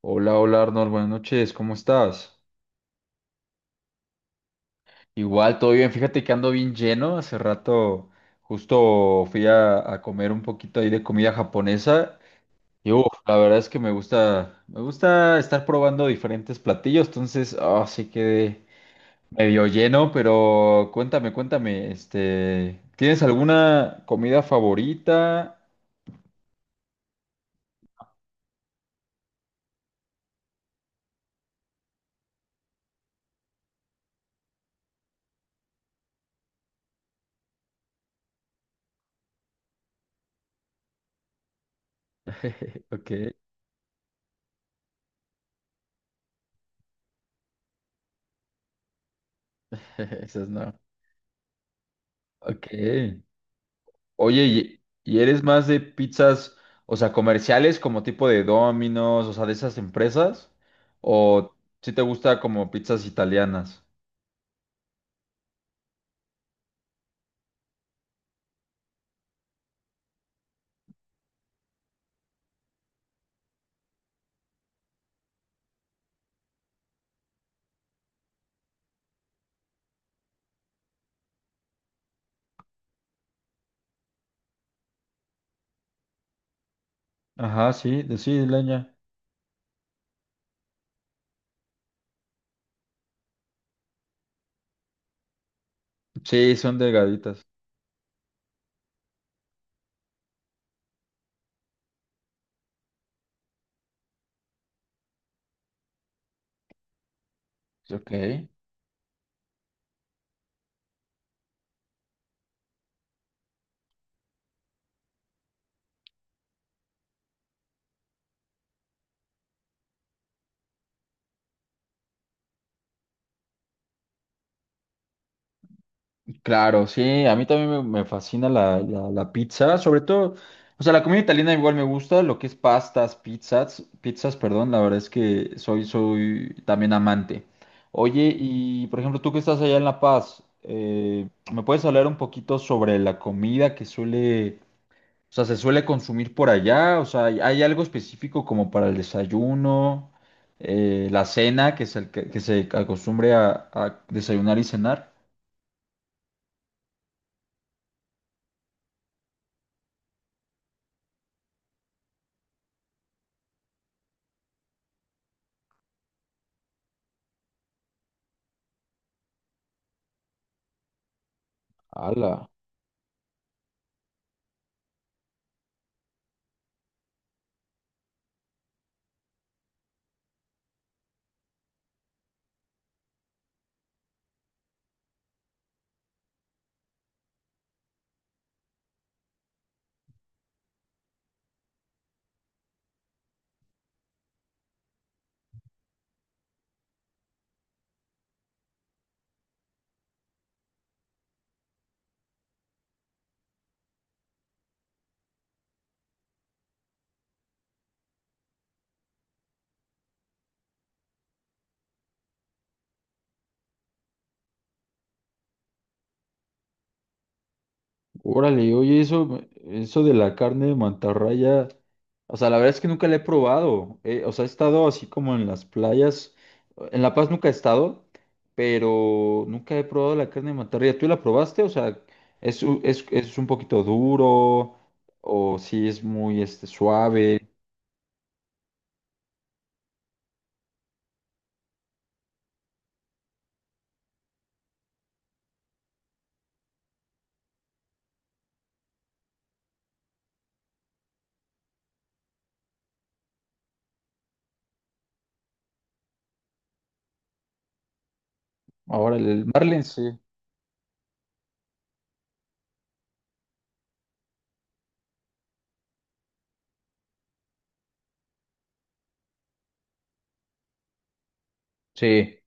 Hola, hola Arnold, buenas noches, ¿cómo estás? Igual, todo bien, fíjate que ando bien lleno, hace rato justo fui a comer un poquito ahí de comida japonesa y uf, la verdad es que me gusta estar probando diferentes platillos, entonces así quedé medio lleno, pero cuéntame, cuéntame, ¿tienes alguna comida favorita? Ok, esas no. Ok. Oye, ¿y eres más de pizzas, o sea, comerciales como tipo de Domino's, o sea, de esas empresas? ¿O si te gusta como pizzas italianas? Ajá, sí, de sí, leña. Sí, son delgaditas. Ok. Claro, sí, a mí también me fascina la pizza, sobre todo, o sea, la comida italiana igual me gusta, lo que es pastas, pizzas, perdón, la verdad es que soy, también amante. Oye, y por ejemplo, tú que estás allá en La Paz, ¿me puedes hablar un poquito sobre la comida que suele, o sea, se suele consumir por allá? O sea, ¿hay algo específico como para el desayuno, la cena, que se acostumbre a desayunar y cenar? ¡Hala! Órale, oye, eso de la carne de mantarraya, o sea, la verdad es que nunca la he probado. O sea, he estado así como en las playas. En La Paz nunca he estado, pero nunca he probado la carne de mantarraya. ¿Tú la probaste? O sea, ¿es un poquito duro? ¿O si es muy suave? Ahora, el marlin sí. Sí.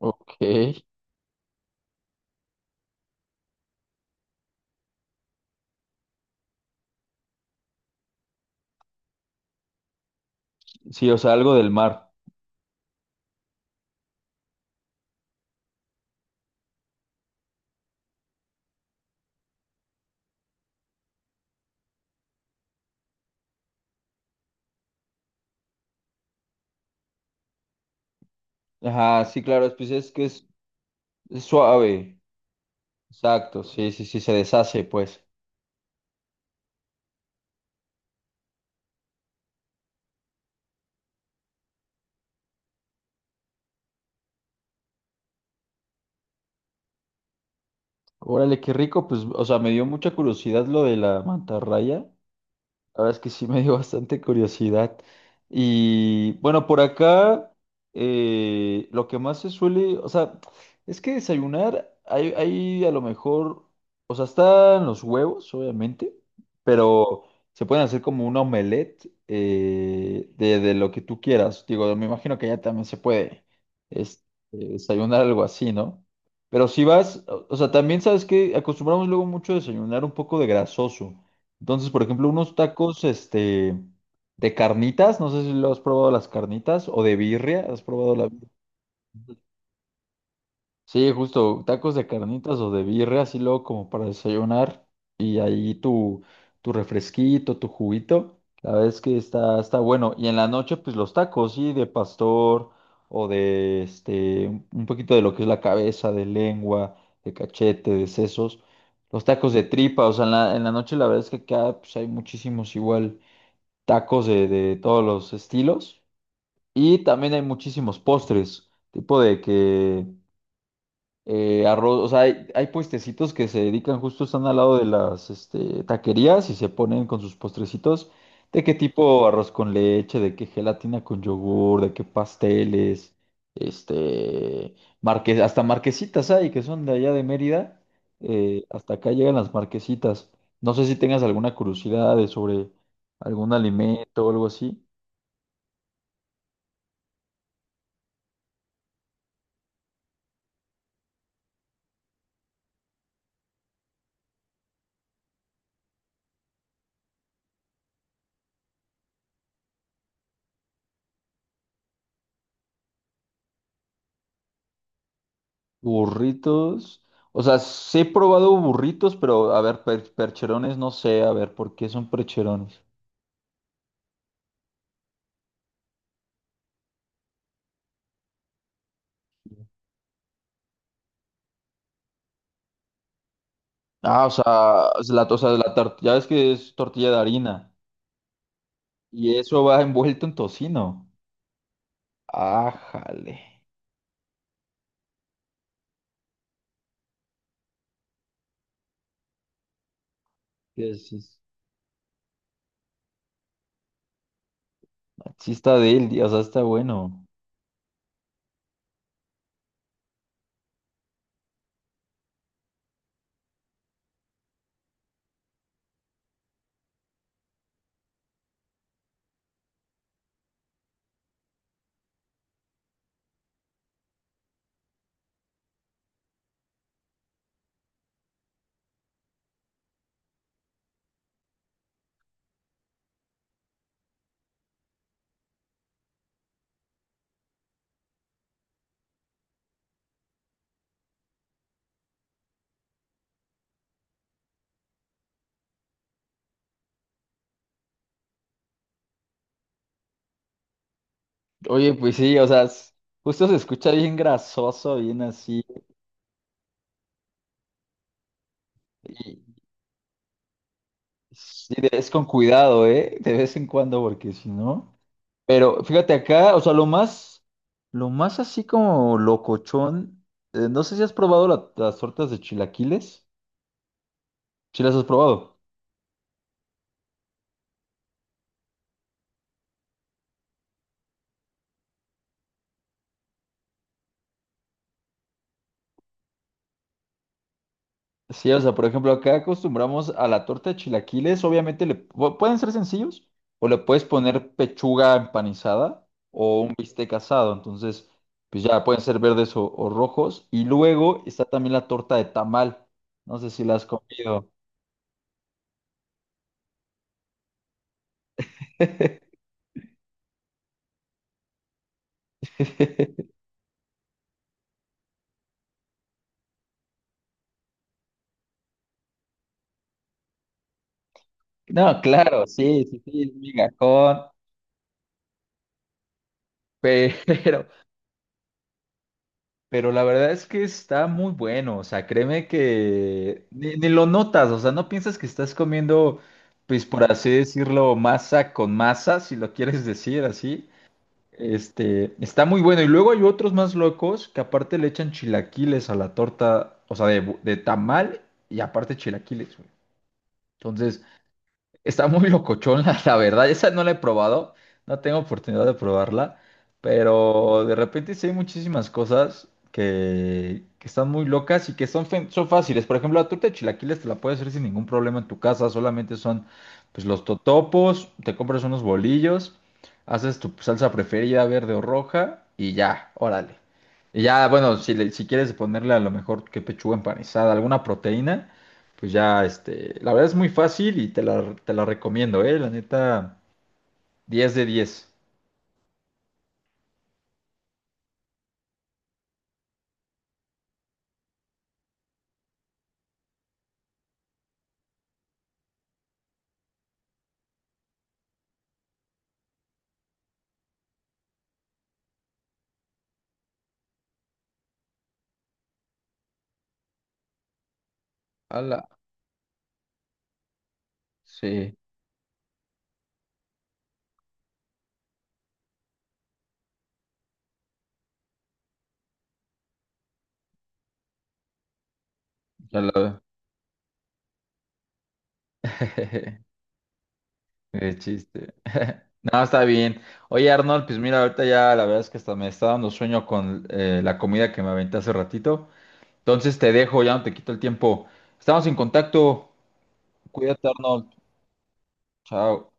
Ok. Sí, o sea, algo del mar. Ajá, sí, claro, pues es que es suave. Exacto, sí, sí, sí, se deshace, pues. Órale, qué rico, pues, o sea, me dio mucha curiosidad lo de la mantarraya. La verdad es que sí me dio bastante curiosidad. Y bueno, por acá lo que más se suele, o sea, es que desayunar, hay a lo mejor, o sea, están los huevos, obviamente, pero se pueden hacer como un omelette de lo que tú quieras. Digo, me imagino que ya también se puede este, desayunar algo así, ¿no? Pero si vas, o sea, también sabes que acostumbramos luego mucho a desayunar un poco de grasoso. Entonces, por ejemplo, unos tacos, de carnitas, no sé si lo has probado las carnitas, o de birria, ¿has probado la birria? Sí, justo, tacos de carnitas o de birria, así luego como para desayunar, y ahí tu refresquito, tu juguito, la verdad es que está bueno. Y en la noche, pues los tacos, sí, de pastor, o de, un poquito de lo que es la cabeza, de lengua, de cachete, de sesos. Los tacos de tripa, o sea, en la noche la verdad es que acá pues, hay muchísimos igual tacos de todos los estilos. Y también hay muchísimos postres, tipo de que arroz, o sea, hay puestecitos que se dedican justo, están al lado de las taquerías y se ponen con sus postrecitos, de qué tipo arroz con leche, de qué gelatina con yogur, de qué pasteles, este, hasta marquesitas hay que son de allá de Mérida, hasta acá llegan las marquesitas. No sé si tengas alguna curiosidad de sobre algún alimento o algo así. Burritos. O sea, sí he probado burritos, pero a ver, percherones no sé, a ver, ¿por qué son percherones? Ah, o sea, es la, o sea, la tor- ya ves que es tortilla de harina y eso va envuelto en tocino. Ah, jale. Sí, sí, sí. Sí está de él, o sea, está bueno. Oye, pues sí, o sea, justo se escucha bien grasoso, bien así. Y sí, es con cuidado, ¿eh? De vez en cuando, porque si no. Pero fíjate acá, o sea, lo más así como locochón, no sé si has probado las tortas de chilaquiles. ¿Sí las has probado? Sí, o sea, por ejemplo, acá acostumbramos a la torta de chilaquiles, obviamente le pueden ser sencillos, o le puedes poner pechuga empanizada o un bistec asado, entonces, pues ya pueden ser verdes o rojos. Y luego está también la torta de tamal, no sé si la has comido. No, claro, sí, sí, sí, es migajón. Pero, pero la verdad es que está muy bueno, o sea, créeme que ni lo notas, o sea, no piensas que estás comiendo, pues por así decirlo, masa con masa, si lo quieres decir así. Está muy bueno. Y luego hay otros más locos que aparte le echan chilaquiles a la torta, o sea, de tamal y aparte chilaquiles, güey. Entonces, está muy locochón, la verdad. Esa no la he probado, no tengo oportunidad de probarla, pero de repente sí hay muchísimas cosas que están muy locas y que son fáciles. Por ejemplo, la torta de chilaquiles te la puedes hacer sin ningún problema en tu casa, solamente son pues, los totopos, te compras unos bolillos, haces tu salsa preferida, verde o roja, y ya, órale. Y ya, bueno, si quieres ponerle a lo mejor que pechuga empanizada, alguna proteína pues ya, la verdad es muy fácil y te la recomiendo, ¿eh? La neta, diez de 10. Ala, sí, ya la... Qué chiste. No, está bien. Oye, Arnold, pues mira, ahorita ya la verdad es que hasta me está dando sueño con la comida que me aventé hace ratito. Entonces te dejo, ya no te quito el tiempo. Estamos en contacto. Cuídate, Arnold. Chao.